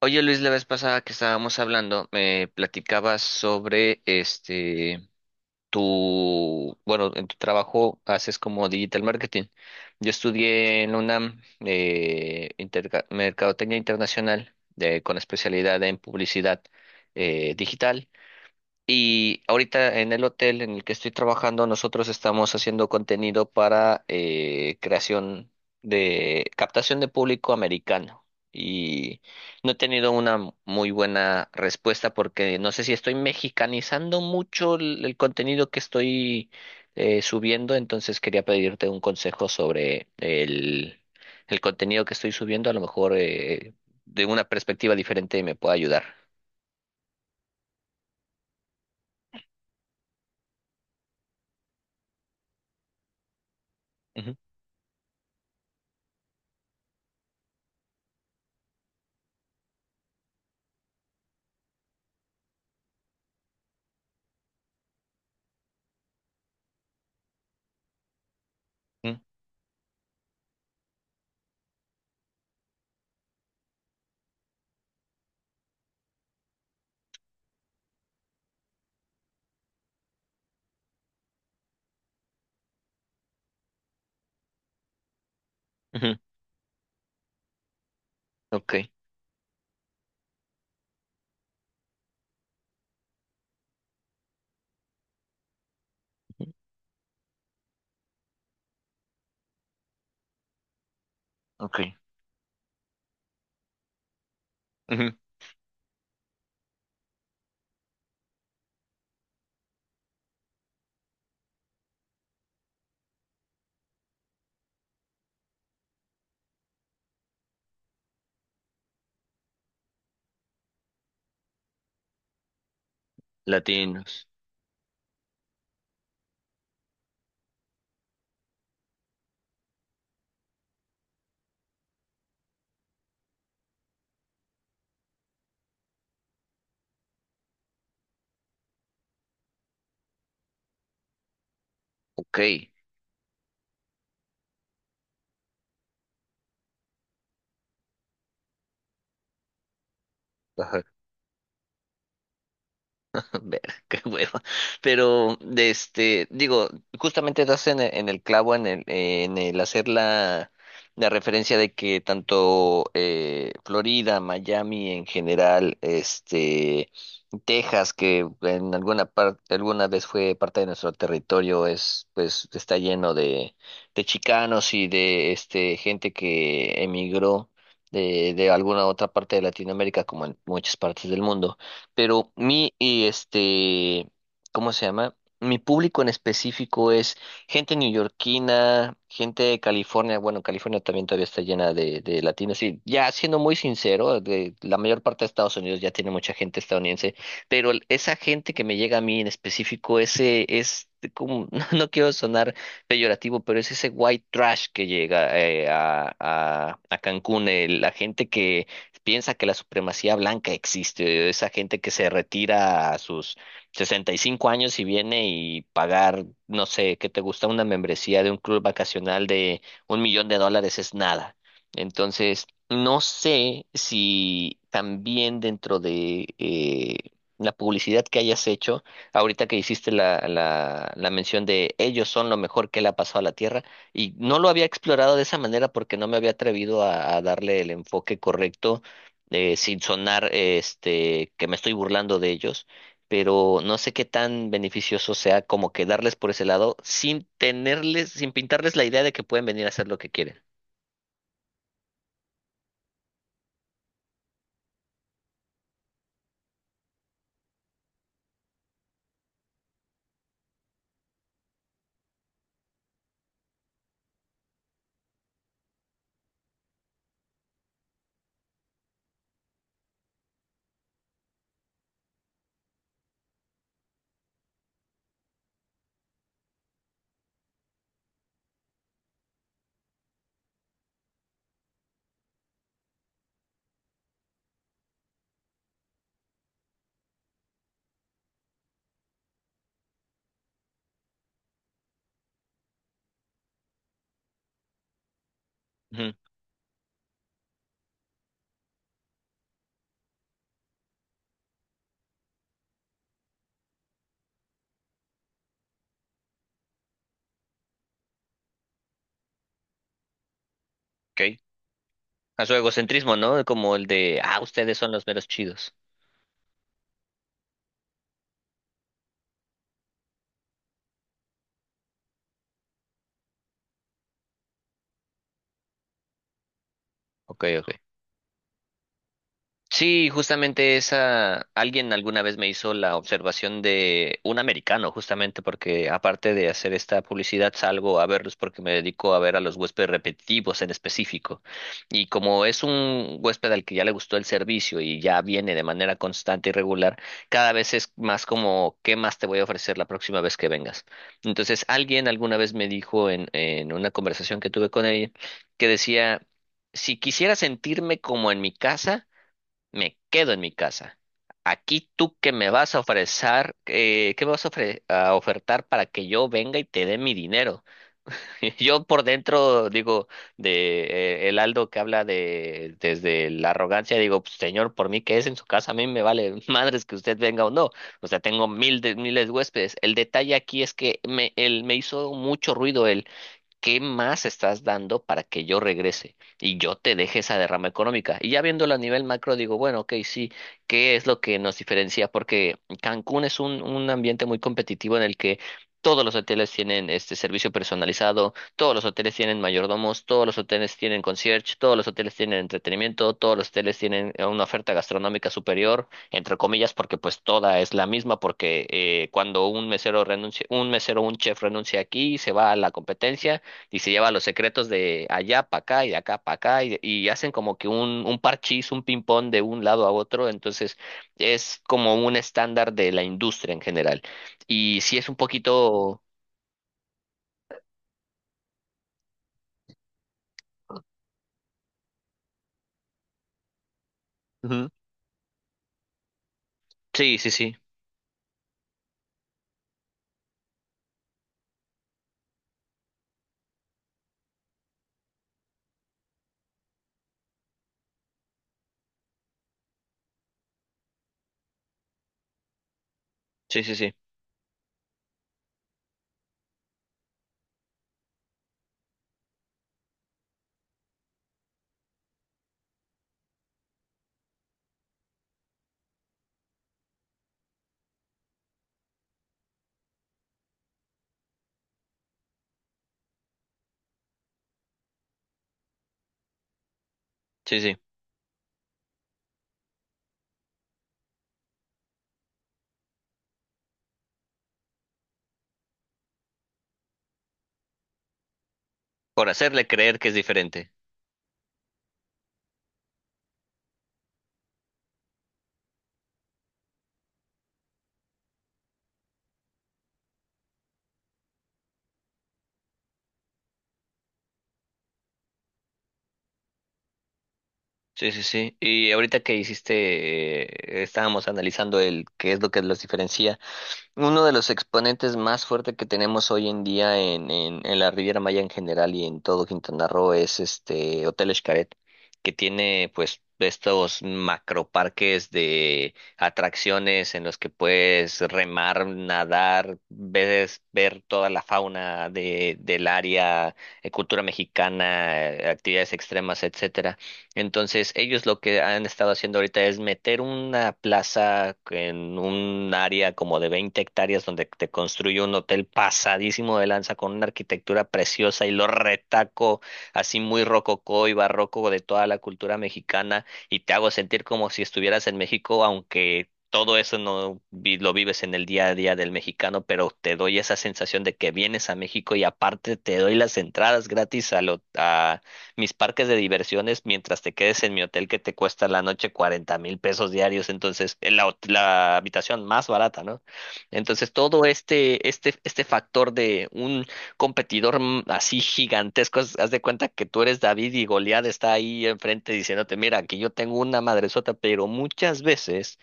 Oye Luis, la vez pasada que estábamos hablando, me platicabas sobre en tu trabajo haces como digital marketing. Yo estudié en la UNAM Mercadotecnia Internacional con especialidad en publicidad digital, y ahorita en el hotel en el que estoy trabajando, nosotros estamos haciendo contenido para creación de captación de público americano. Y no he tenido una muy buena respuesta porque no sé si estoy mexicanizando mucho el contenido que estoy subiendo. Entonces quería pedirte un consejo sobre el contenido que estoy subiendo. A lo mejor de una perspectiva diferente me puede ayudar. Ujú, ujú, ujú, ok. Ok. Ujú. Latinos. Ok. Ajá. Ver, qué hueva. Pero, de este, digo, justamente das en el clavo en el hacer la referencia de que tanto Florida, Miami en general, este, Texas, que en alguna parte, alguna vez fue parte de nuestro territorio, es, pues, está lleno de chicanos y de este gente que emigró de alguna otra parte de Latinoamérica, como en muchas partes del mundo, pero mi, y este, ¿cómo se llama? Mi público en específico es gente neoyorquina, gente de California. Bueno, California también todavía está llena de latinos, y ya siendo muy sincero, de, la mayor parte de Estados Unidos ya tiene mucha gente estadounidense, pero esa gente que me llega a mí en específico, ese es como, no, no quiero sonar peyorativo, pero es ese white trash que llega a Cancún, la gente que piensa que la supremacía blanca existe, esa gente que se retira a sus 65 años y viene y pagar, no sé, ¿qué te gusta? Una membresía de un club vacacional de $1,000,000 es nada. Entonces, no sé si también dentro de la publicidad que hayas hecho, ahorita que hiciste la mención de ellos son lo mejor que le ha pasado a la Tierra, y no lo había explorado de esa manera porque no me había atrevido a darle el enfoque correcto, sin sonar este que me estoy burlando de ellos, pero no sé qué tan beneficioso sea como quedarles por ese lado sin tenerles, sin pintarles la idea de que pueden venir a hacer lo que quieren. Ujú, ok. A su egocentrismo, ¿no? Como el de, ah, ustedes son los meros chidos. Ok, ok. Sí, justamente esa, alguien alguna vez me hizo la observación de un americano, justamente porque aparte de hacer esta publicidad salgo a verlos porque me dedico a ver a los huéspedes repetitivos en específico. Y como es un huésped al que ya le gustó el servicio y ya viene de manera constante y regular, cada vez es más como, ¿qué más te voy a ofrecer la próxima vez que vengas? Entonces, alguien alguna vez me dijo en una conversación que tuve con ella que decía, si quisiera sentirme como en mi casa, me quedo en mi casa. Aquí tú que me vas a ofrecer, ¿qué me vas a, a ofertar para que yo venga y te dé mi dinero? Yo por dentro digo, de el Aldo que habla de desde la arrogancia, digo, "Pues, señor, por mí que es en su casa, a mí me vale madres que usted venga o no. O sea, tengo miles de huéspedes. El detalle aquí es que me, él me hizo mucho ruido. ¿Qué más estás dando para que yo regrese y yo te deje esa derrama económica? Y ya viéndolo a nivel macro, digo, bueno, ok, sí, ¿qué es lo que nos diferencia? Porque Cancún es un ambiente muy competitivo en el que todos los hoteles tienen este servicio personalizado, todos los hoteles tienen mayordomos, todos los hoteles tienen concierge, todos los hoteles tienen entretenimiento, todos los hoteles tienen una oferta gastronómica superior, entre comillas, porque pues toda es la misma, porque cuando un mesero renuncia, un mesero, un chef renuncia aquí, se va a la competencia y se lleva los secretos de allá para acá y de acá para acá, y hacen como que un parchís, un ping-pong de un lado a otro, entonces es como un estándar de la industria en general. Y sí es un poquito... Ujú. Sí, sí, sí, sí, sí, sí, sí, sí, por hacerle creer que es diferente. Sí, sí, sí. Y ahorita que hiciste, estábamos analizando el qué es lo que los diferencia. Uno de los exponentes más fuertes que tenemos hoy en día en la Riviera Maya en general y en todo Quintana Roo es este Hotel Xcaret, que tiene pues estos macroparques de atracciones en los que puedes remar, nadar, ver toda la fauna de, del área, cultura mexicana, actividades extremas, etc. Entonces, ellos lo que han estado haciendo ahorita es meter una plaza en un área como de 20 hectáreas donde te construye un hotel pasadísimo de lanza con una arquitectura preciosa y lo retaco así muy rococó y barroco de toda la cultura mexicana y te hago sentir como si estuvieras en México, aunque todo eso no vi- lo vives en el día a día del mexicano, pero te doy esa sensación de que vienes a México y aparte te doy las entradas gratis a mis parques de diversiones mientras te quedes en mi hotel que te cuesta la noche 40,000 pesos diarios, entonces en la, la habitación más barata, ¿no? Entonces todo este factor de un competidor así gigantesco, haz, haz de cuenta que tú eres David y Goliat está ahí enfrente diciéndote, mira, aquí yo tengo una madresota, pero muchas veces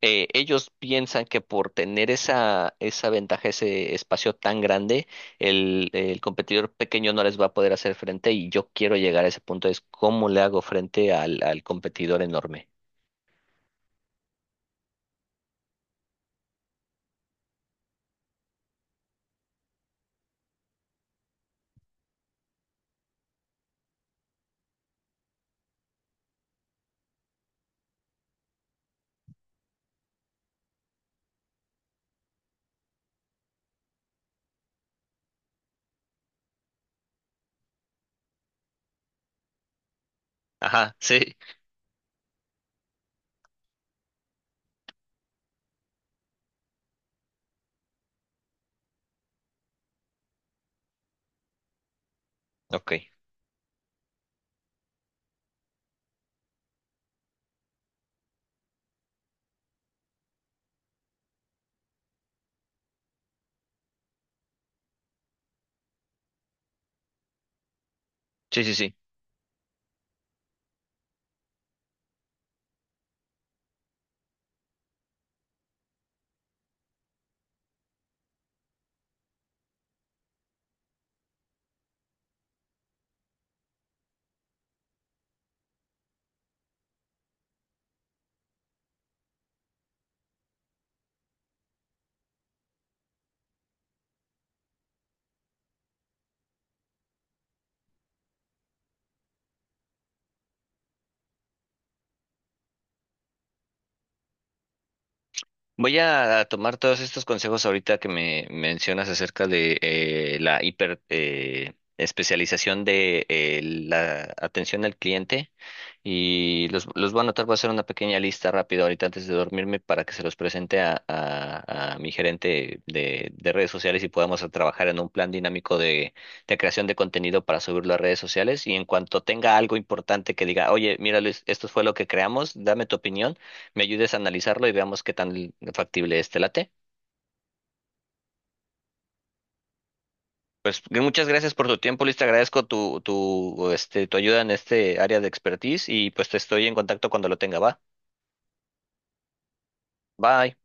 ellos piensan que por tener esa ventaja, ese espacio tan grande, el competidor pequeño no les va a poder hacer frente y yo quiero llegar a ese punto, es cómo le hago frente al competidor enorme. Ajá, sí. Ok. Sí, sí, sí. Voy a tomar todos estos consejos ahorita que me mencionas acerca de la hiper especialización de la atención al cliente, y los voy a anotar, voy a hacer una pequeña lista rápida ahorita antes de dormirme para que se los presente a mi gerente de redes sociales y podamos a trabajar en un plan dinámico de creación de contenido para subirlo a redes sociales y en cuanto tenga algo importante que diga, oye, mira Luis, esto fue lo que creamos, dame tu opinión, me ayudes a analizarlo y veamos qué tan factible es. ¿Te late? Pues muchas gracias por tu tiempo, Luis. Te agradezco tu, tu ayuda en este área de expertise y pues te estoy en contacto cuando lo tenga. Va. Bye.